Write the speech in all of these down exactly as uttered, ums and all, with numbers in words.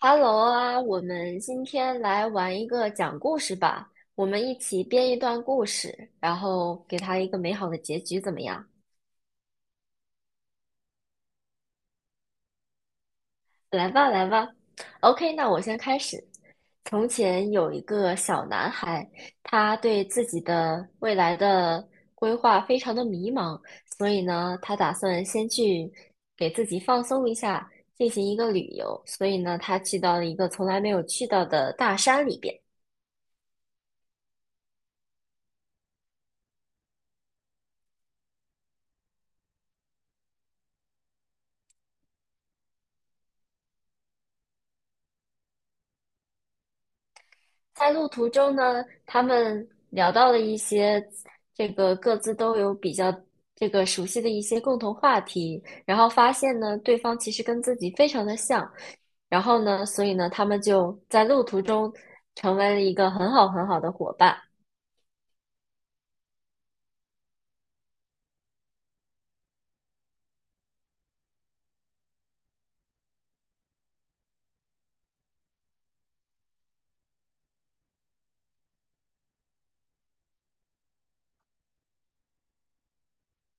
Hello 啊，我们今天来玩一个讲故事吧。我们一起编一段故事，然后给它一个美好的结局，怎么样？来吧，来吧。OK，那我先开始。从前有一个小男孩，他对自己的未来的规划非常的迷茫，所以呢，他打算先去给自己放松一下，进行一个旅游。所以呢，他去到了一个从来没有去到的大山里边。在路途中呢，他们聊到了一些这个各自都有比较这个熟悉的一些共同话题，然后发现呢，对方其实跟自己非常的像，然后呢，所以呢，他们就在路途中成为了一个很好很好的伙伴。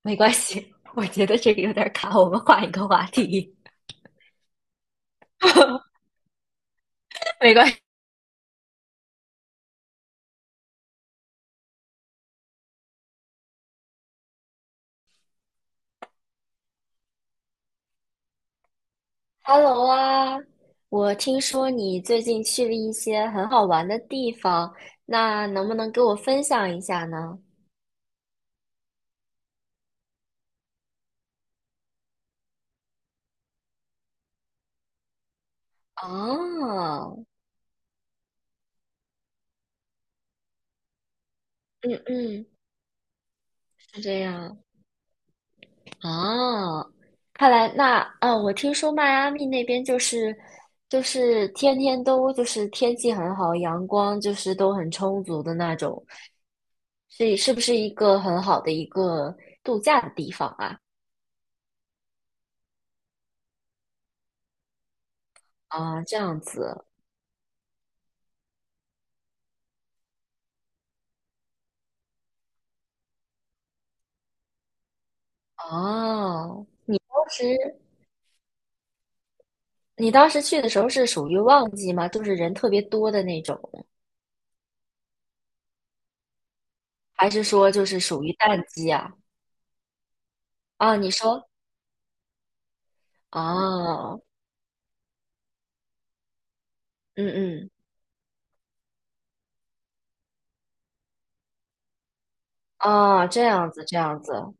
没关系，我觉得这个有点卡，我们换一个话题。没关系。Hello 啊，我听说你最近去了一些很好玩的地方，那能不能给我分享一下呢？哦，嗯嗯，是这样。哦，看来那啊，我听说迈阿密那边就是就是天天都就是天气很好，阳光就是都很充足的那种，是是不是一个很好的一个度假的地方啊？啊，这样子。哦，当时你当时去的时候是属于旺季吗？就是人特别多的那种，还是说就是属于淡季啊？啊，你说。哦，嗯嗯，啊，这样子，这样子。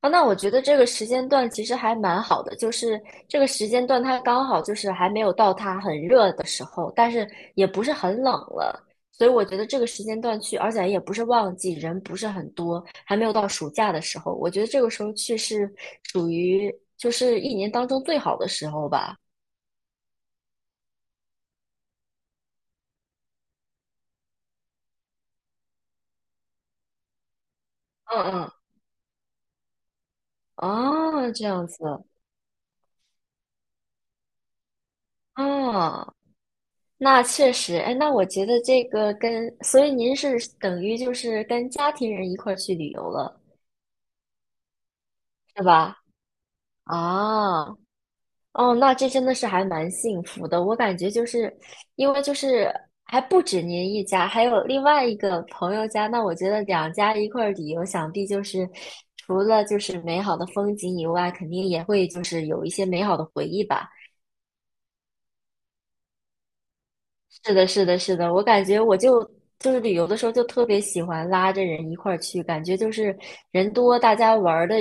啊，那我觉得这个时间段其实还蛮好的，就是这个时间段它刚好就是还没有到它很热的时候，但是也不是很冷了，所以我觉得这个时间段去，而且也不是旺季，人不是很多，还没有到暑假的时候，我觉得这个时候去是属于就是一年当中最好的时候吧。嗯嗯，哦，这样子，啊。那确实，哎，那我觉得这个跟，所以您是等于就是跟家庭人一块儿去旅游了，是吧？啊，哦，那这真的是还蛮幸福的。我感觉就是，因为就是还不止您一家，还有另外一个朋友家，那我觉得两家一块儿旅游，想必就是除了就是美好的风景以外，肯定也会就是有一些美好的回忆吧。是的，是的，是的，我感觉我就就是旅游的时候就特别喜欢拉着人一块儿去，感觉就是人多，大家玩儿的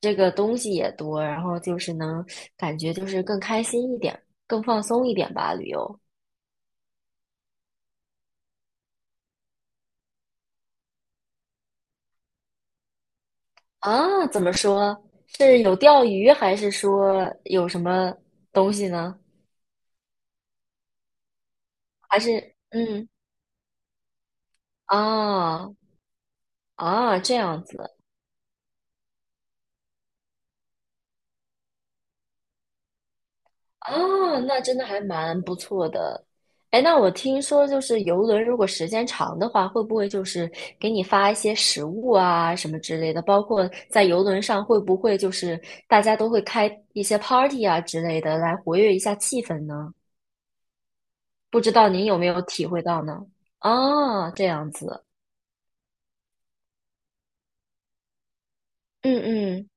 这个东西也多，然后就是能感觉就是更开心一点，更放松一点吧，旅游。啊，怎么说？是有钓鱼，还是说有什么东西呢？还是嗯啊啊这样子。哦，那真的还蛮不错的。哎，那我听说就是游轮，如果时间长的话，会不会就是给你发一些食物啊什么之类的？包括在游轮上，会不会就是大家都会开一些 party 啊之类的来活跃一下气氛呢？不知道您有没有体会到呢？哦，这样子，嗯嗯。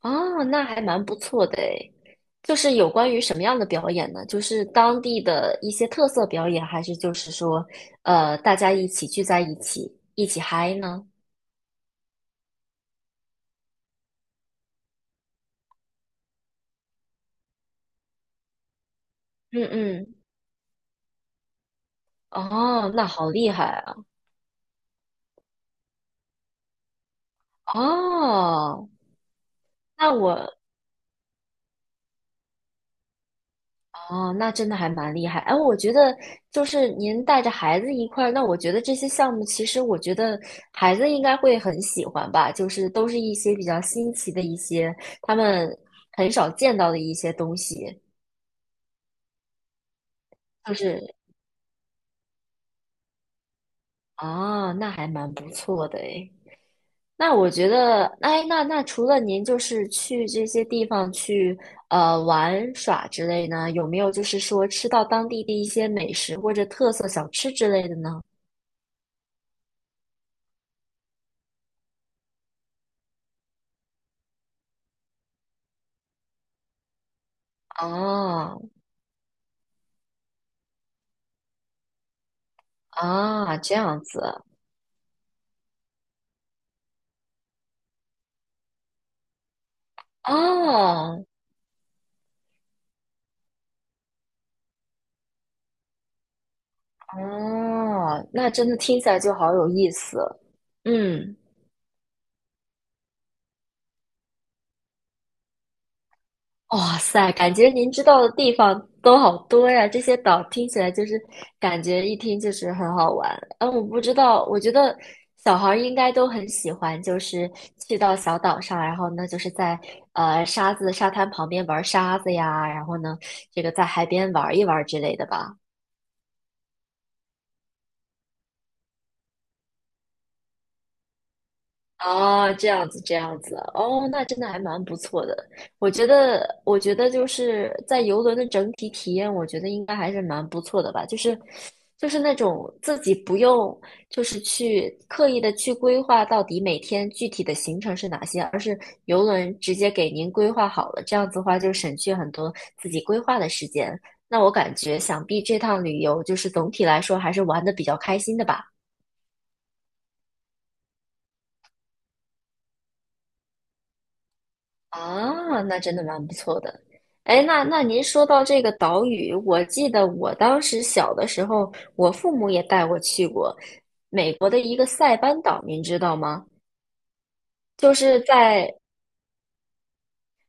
哦，那还蛮不错的诶。就是有关于什么样的表演呢？就是当地的一些特色表演，还是就是说，呃，大家一起聚在一起，一起嗨呢？嗯嗯，哦，那好厉害啊！哦，那我，哦，那真的还蛮厉害。哎，我觉得就是您带着孩子一块儿，那我觉得这些项目其实我觉得孩子应该会很喜欢吧，就是都是一些比较新奇的一些他们很少见到的一些东西。就是啊，那还蛮不错的诶。那我觉得，哎，那那除了您就是去这些地方去呃玩耍之类呢，有没有就是说吃到当地的一些美食或者特色小吃之类的呢？哦啊，这样子哦哦，那真的听起来就好有意思。嗯。哇塞，感觉您知道的地方都好多呀！这些岛听起来就是感觉一听就是很好玩。嗯，我不知道，我觉得小孩儿应该都很喜欢，就是去到小岛上，然后呢，就是在呃沙子沙滩旁边玩沙子呀，然后呢，这个在海边玩一玩之类的吧。哦，这样子，这样子，哦，那真的还蛮不错的。我觉得，我觉得就是在游轮的整体体验，我觉得应该还是蛮不错的吧。就是，就是那种自己不用，就是去刻意的去规划到底每天具体的行程是哪些，而是游轮直接给您规划好了。这样子的话，就省去很多自己规划的时间。那我感觉，想必这趟旅游就是总体来说还是玩的比较开心的吧。啊，那真的蛮不错的。哎，那那您说到这个岛屿，我记得我当时小的时候，我父母也带我去过美国的一个塞班岛，您知道吗？就是在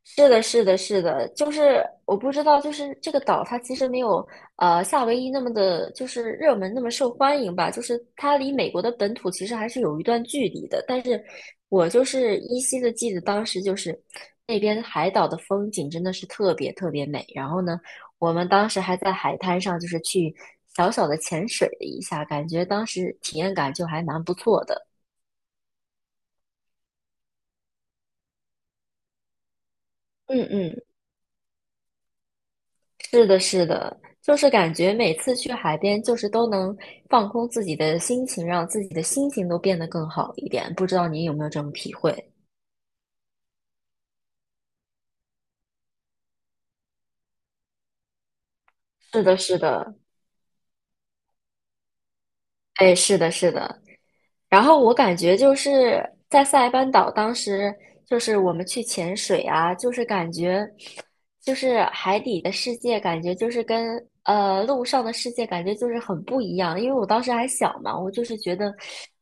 是的，是的，是的，就是我不知道，就是这个岛它其实没有呃夏威夷那么的，就是热门那么受欢迎吧，就是它离美国的本土其实还是有一段距离的。但是我就是依稀的记得当时就是那边海岛的风景真的是特别特别美。然后呢，我们当时还在海滩上就是去小小的潜水了一下，感觉当时体验感就还蛮不错的。嗯嗯。是的，是的，就是感觉每次去海边，就是都能放空自己的心情，让自己的心情都变得更好一点。不知道你有没有这种体会？是的，是的，哎，是的，是的。然后我感觉就是在塞班岛，当时就是我们去潜水啊，就是感觉，就是海底的世界，感觉就是跟呃陆上的世界感觉就是很不一样。因为我当时还小嘛，我就是觉得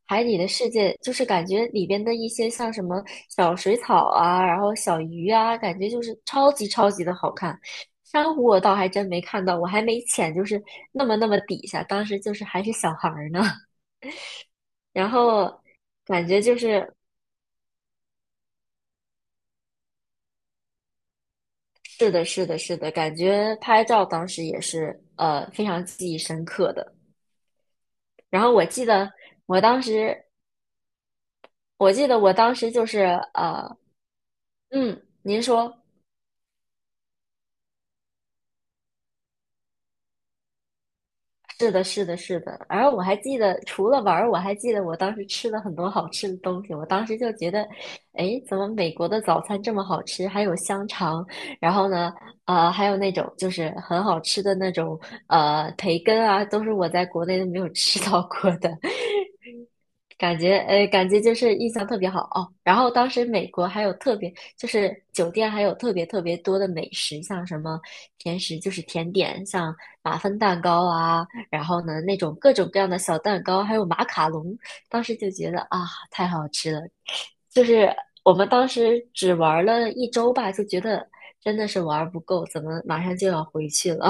海底的世界就是感觉里边的一些像什么小水草啊，然后小鱼啊，感觉就是超级超级的好看。珊瑚我倒还真没看到，我还没潜，就是那么那么底下，当时就是还是小孩儿呢。然后感觉就是是的，是的，是的，感觉拍照当时也是呃非常记忆深刻的。然后我记得我当时，我记得我当时就是呃，嗯，您说。是的，是的，是的。而我还记得，除了玩儿，我还记得我当时吃了很多好吃的东西。我当时就觉得，哎，怎么美国的早餐这么好吃？还有香肠，然后呢，呃，还有那种就是很好吃的那种呃培根啊，都是我在国内都没有吃到过的。感觉呃，感觉就是印象特别好哦。然后当时美国还有特别，就是酒店还有特别特别多的美食，像什么甜食，就是甜点，像马芬蛋糕啊，然后呢那种各种各样的小蛋糕，还有马卡龙。当时就觉得啊，太好吃了。就是我们当时只玩了一周吧，就觉得真的是玩不够，怎么马上就要回去了？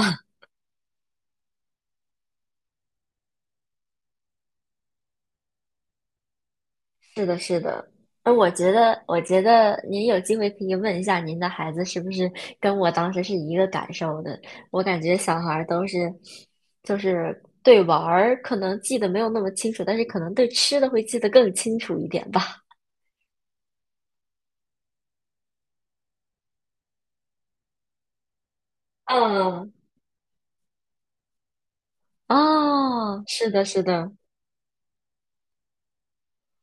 是的，是的。而我觉得，我觉得您有机会可以问一下您的孩子是不是跟我当时是一个感受的。我感觉小孩儿都是，就是对玩儿可能记得没有那么清楚，但是可能对吃的会记得更清楚一点吧。嗯，哦，是的，是的。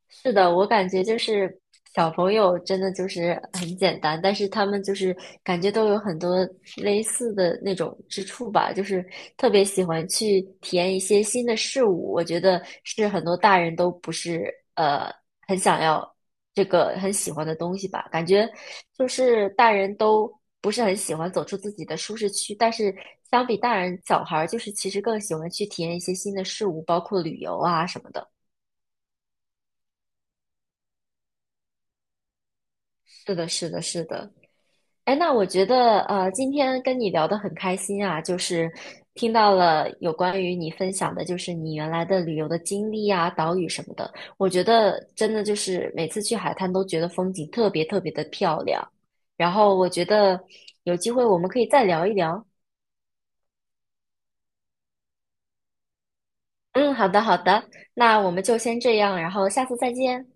是的，我感觉就是小朋友真的就是很简单，但是他们就是感觉都有很多类似的那种之处吧，就是特别喜欢去体验一些新的事物。我觉得是很多大人都不是呃很想要这个很喜欢的东西吧，感觉就是大人都不是很喜欢走出自己的舒适区，但是相比大人，小孩儿就是其实更喜欢去体验一些新的事物，包括旅游啊什么的。是的，是的，是的。哎，那我觉得呃，今天跟你聊得很开心啊，就是听到了有关于你分享的，就是你原来的旅游的经历啊、岛屿什么的。我觉得真的就是每次去海滩都觉得风景特别特别的漂亮。然后我觉得有机会我们可以再聊一聊。嗯，好的好的，那我们就先这样，然后下次再见。